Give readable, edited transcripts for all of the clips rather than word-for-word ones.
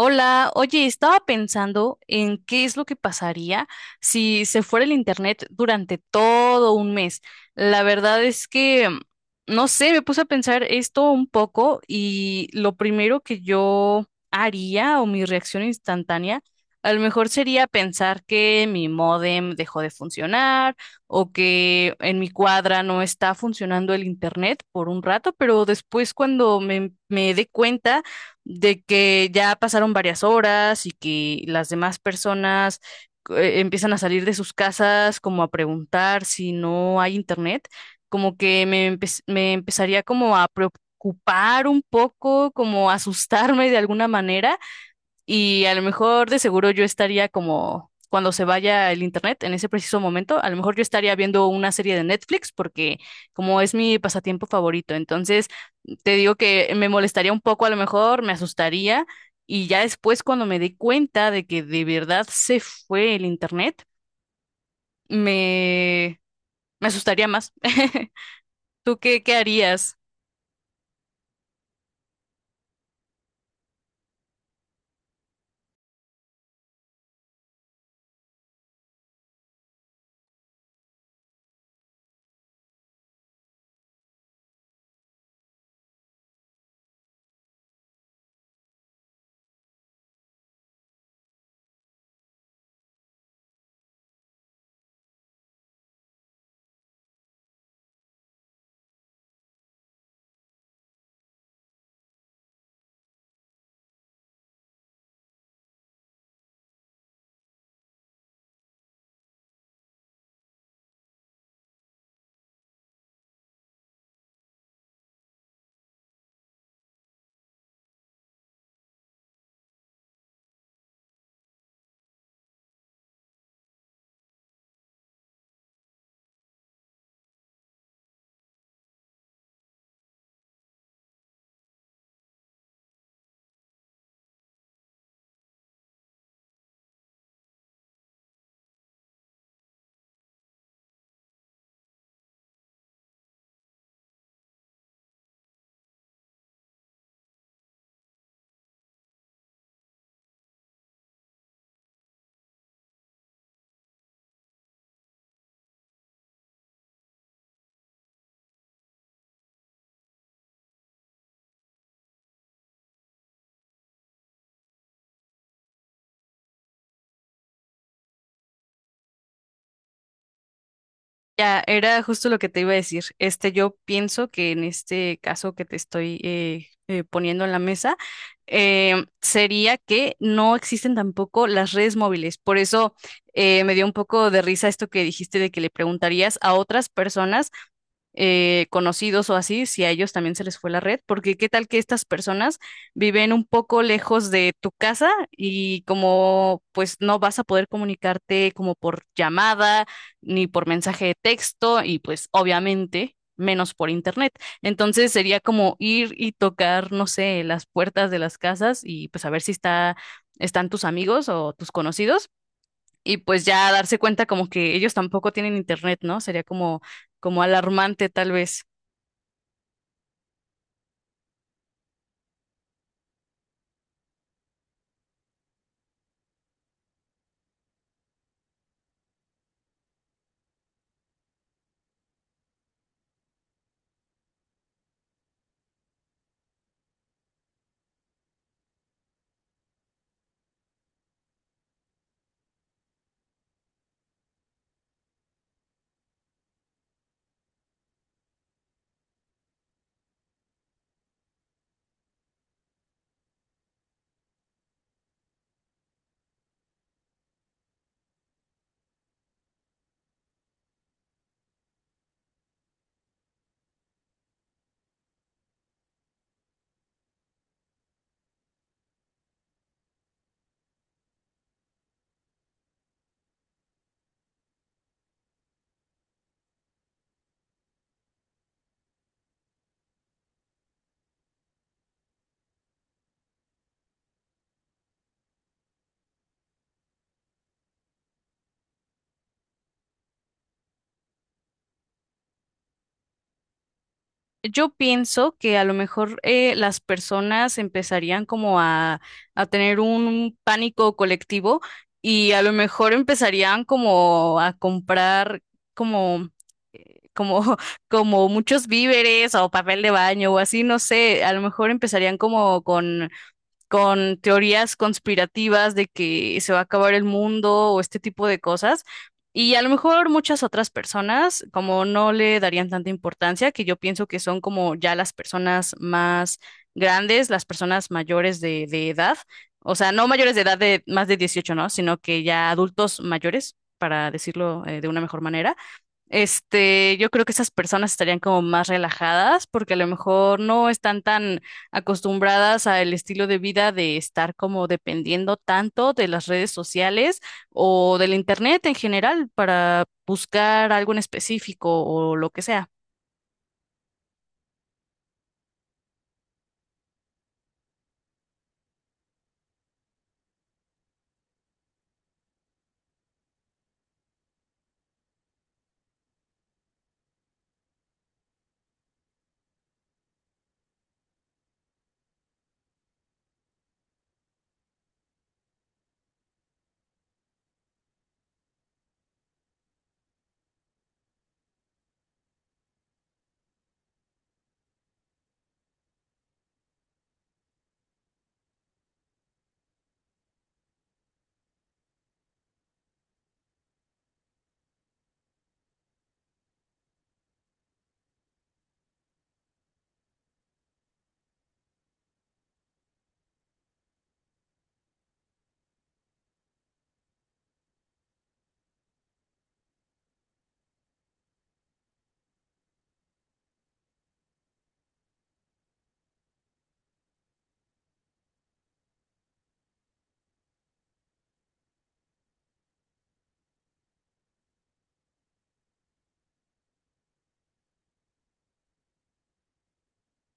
Hola, oye, estaba pensando en qué es lo que pasaría si se fuera el internet durante todo un mes. La verdad es que, no sé, me puse a pensar esto un poco y lo primero que yo haría o mi reacción instantánea, a lo mejor sería pensar que mi módem dejó de funcionar o que en mi cuadra no está funcionando el internet por un rato, pero después cuando me dé cuenta de que ya pasaron varias horas y que las demás personas empiezan a salir de sus casas como a preguntar si no hay internet, como que me empezaría como a preocupar un poco, como a asustarme de alguna manera. Y a lo mejor de seguro yo estaría como cuando se vaya el internet en ese preciso momento, a lo mejor yo estaría viendo una serie de Netflix porque como es mi pasatiempo favorito, entonces te digo que me molestaría un poco, a lo mejor me asustaría. Y ya después cuando me di cuenta de que de verdad se fue el internet, me, me asustaría más. ¿Tú qué, qué harías? Ya, era justo lo que te iba a decir. Este, yo pienso que en este caso que te estoy poniendo en la mesa, sería que no existen tampoco las redes móviles. Por eso me dio un poco de risa esto que dijiste de que le preguntarías a otras personas, conocidos o así, si a ellos también se les fue la red, porque qué tal que estas personas viven un poco lejos de tu casa y como pues no vas a poder comunicarte como por llamada ni por mensaje de texto y pues obviamente menos por internet. Entonces sería como ir y tocar, no sé, las puertas de las casas y pues a ver si están tus amigos o tus conocidos y pues ya darse cuenta como que ellos tampoco tienen internet, ¿no? Sería como, como alarmante tal vez. Yo pienso que a lo mejor las personas empezarían como a tener un pánico colectivo y a lo mejor empezarían como a comprar como, eh, como, como muchos víveres o papel de baño o así, no sé, a lo mejor empezarían como con teorías conspirativas de que se va a acabar el mundo o este tipo de cosas. Y a lo mejor muchas otras personas como no le darían tanta importancia, que yo pienso que son como ya las personas más grandes, las personas mayores de edad, o sea, no mayores de edad de más de dieciocho, ¿no? Sino que ya adultos mayores, para decirlo, de una mejor manera. Este, yo creo que esas personas estarían como más relajadas porque a lo mejor no están tan acostumbradas al estilo de vida de estar como dependiendo tanto de las redes sociales o del internet en general para buscar algo en específico o lo que sea.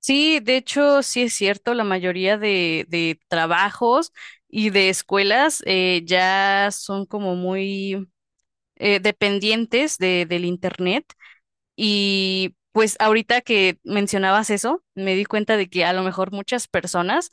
Sí, de hecho, sí es cierto, la mayoría de trabajos y de escuelas ya son como muy dependientes del internet. Y pues ahorita que mencionabas eso, me di cuenta de que a lo mejor muchas personas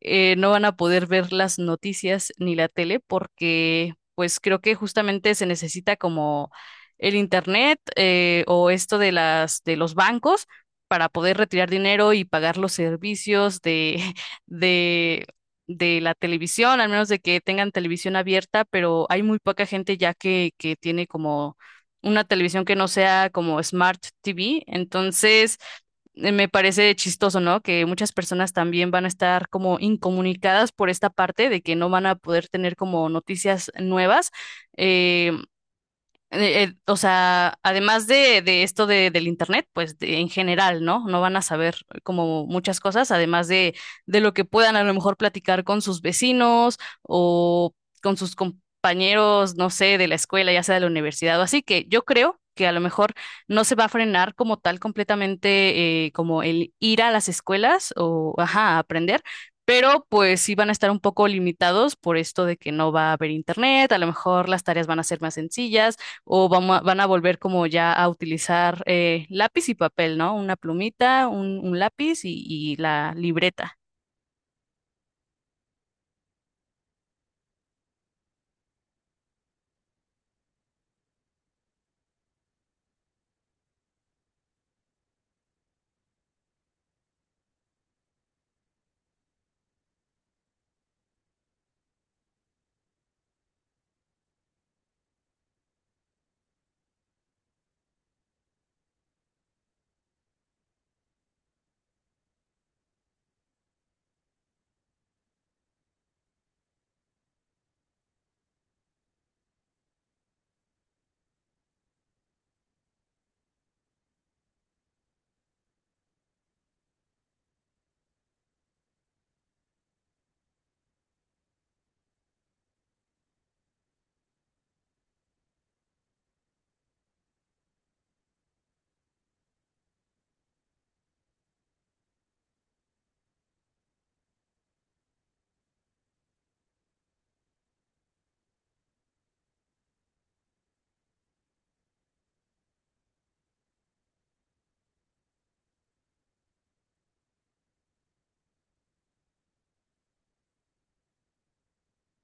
no van a poder ver las noticias ni la tele porque pues creo que justamente se necesita como el internet, o esto de las de los bancos para poder retirar dinero y pagar los servicios de de de la televisión, al menos de que tengan televisión abierta, pero hay muy poca gente ya que tiene como una televisión que no sea como Smart TV. Entonces, me parece chistoso, ¿no? Que muchas personas también van a estar como incomunicadas por esta parte de que no van a poder tener como noticias nuevas. Eh, o sea, además de esto del internet, pues en general, ¿no? No van a saber como muchas cosas, además de lo que puedan a lo mejor platicar con sus vecinos o con sus compañeros, no sé, de la escuela, ya sea de la universidad o así, que yo creo que a lo mejor no se va a frenar como tal completamente, como el ir a las escuelas o, ajá, a aprender. Pero pues sí van a estar un poco limitados por esto de que no va a haber internet, a lo mejor las tareas van a ser más sencillas, o van a volver como ya a utilizar, lápiz y papel, ¿no? Una plumita, un lápiz y la libreta.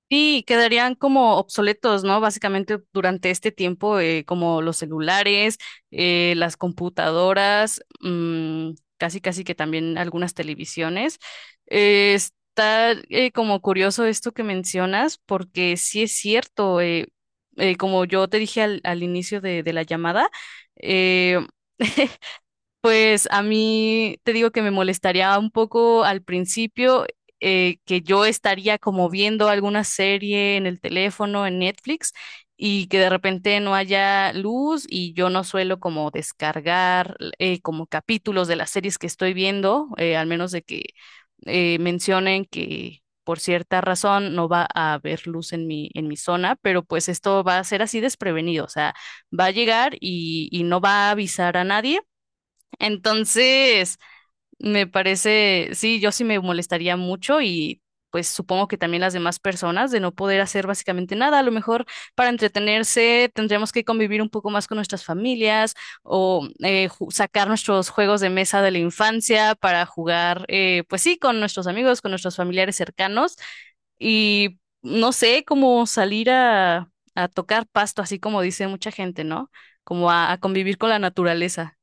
Sí quedarían como obsoletos, ¿no? Básicamente durante este tiempo, como los celulares, las computadoras, casi casi que también algunas televisiones. Está como curioso esto que mencionas, porque sí es cierto, como yo te dije al inicio de la llamada, eh, Pues a mí te digo que me molestaría un poco al principio, que yo estaría como viendo alguna serie en el teléfono, en Netflix, y que de repente no haya luz y yo no suelo como descargar como capítulos de las series que estoy viendo, al menos de que mencionen que por cierta razón no va a haber luz en en mi zona, pero pues esto va a ser así desprevenido, o sea, va a llegar y no va a avisar a nadie. Entonces, me parece, sí, yo sí me molestaría mucho y pues supongo que también las demás personas de no poder hacer básicamente nada. A lo mejor para entretenerse tendríamos que convivir un poco más con nuestras familias o sacar nuestros juegos de mesa de la infancia para jugar, pues sí, con nuestros amigos, con nuestros familiares cercanos y no sé, como salir a tocar pasto, así como dice mucha gente, ¿no? Como a convivir con la naturaleza.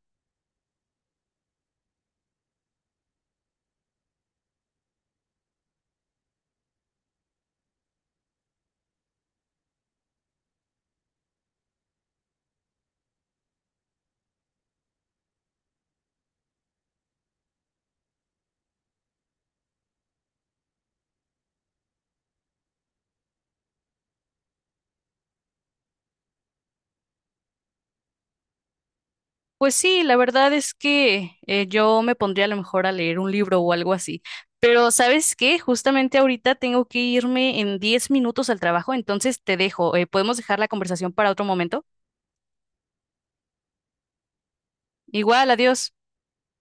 Pues sí, la verdad es que, yo me pondría a lo mejor a leer un libro o algo así. Pero ¿sabes qué? Justamente ahorita tengo que irme en 10 minutos al trabajo, entonces te dejo. ¿Podemos dejar la conversación para otro momento? Igual, adiós.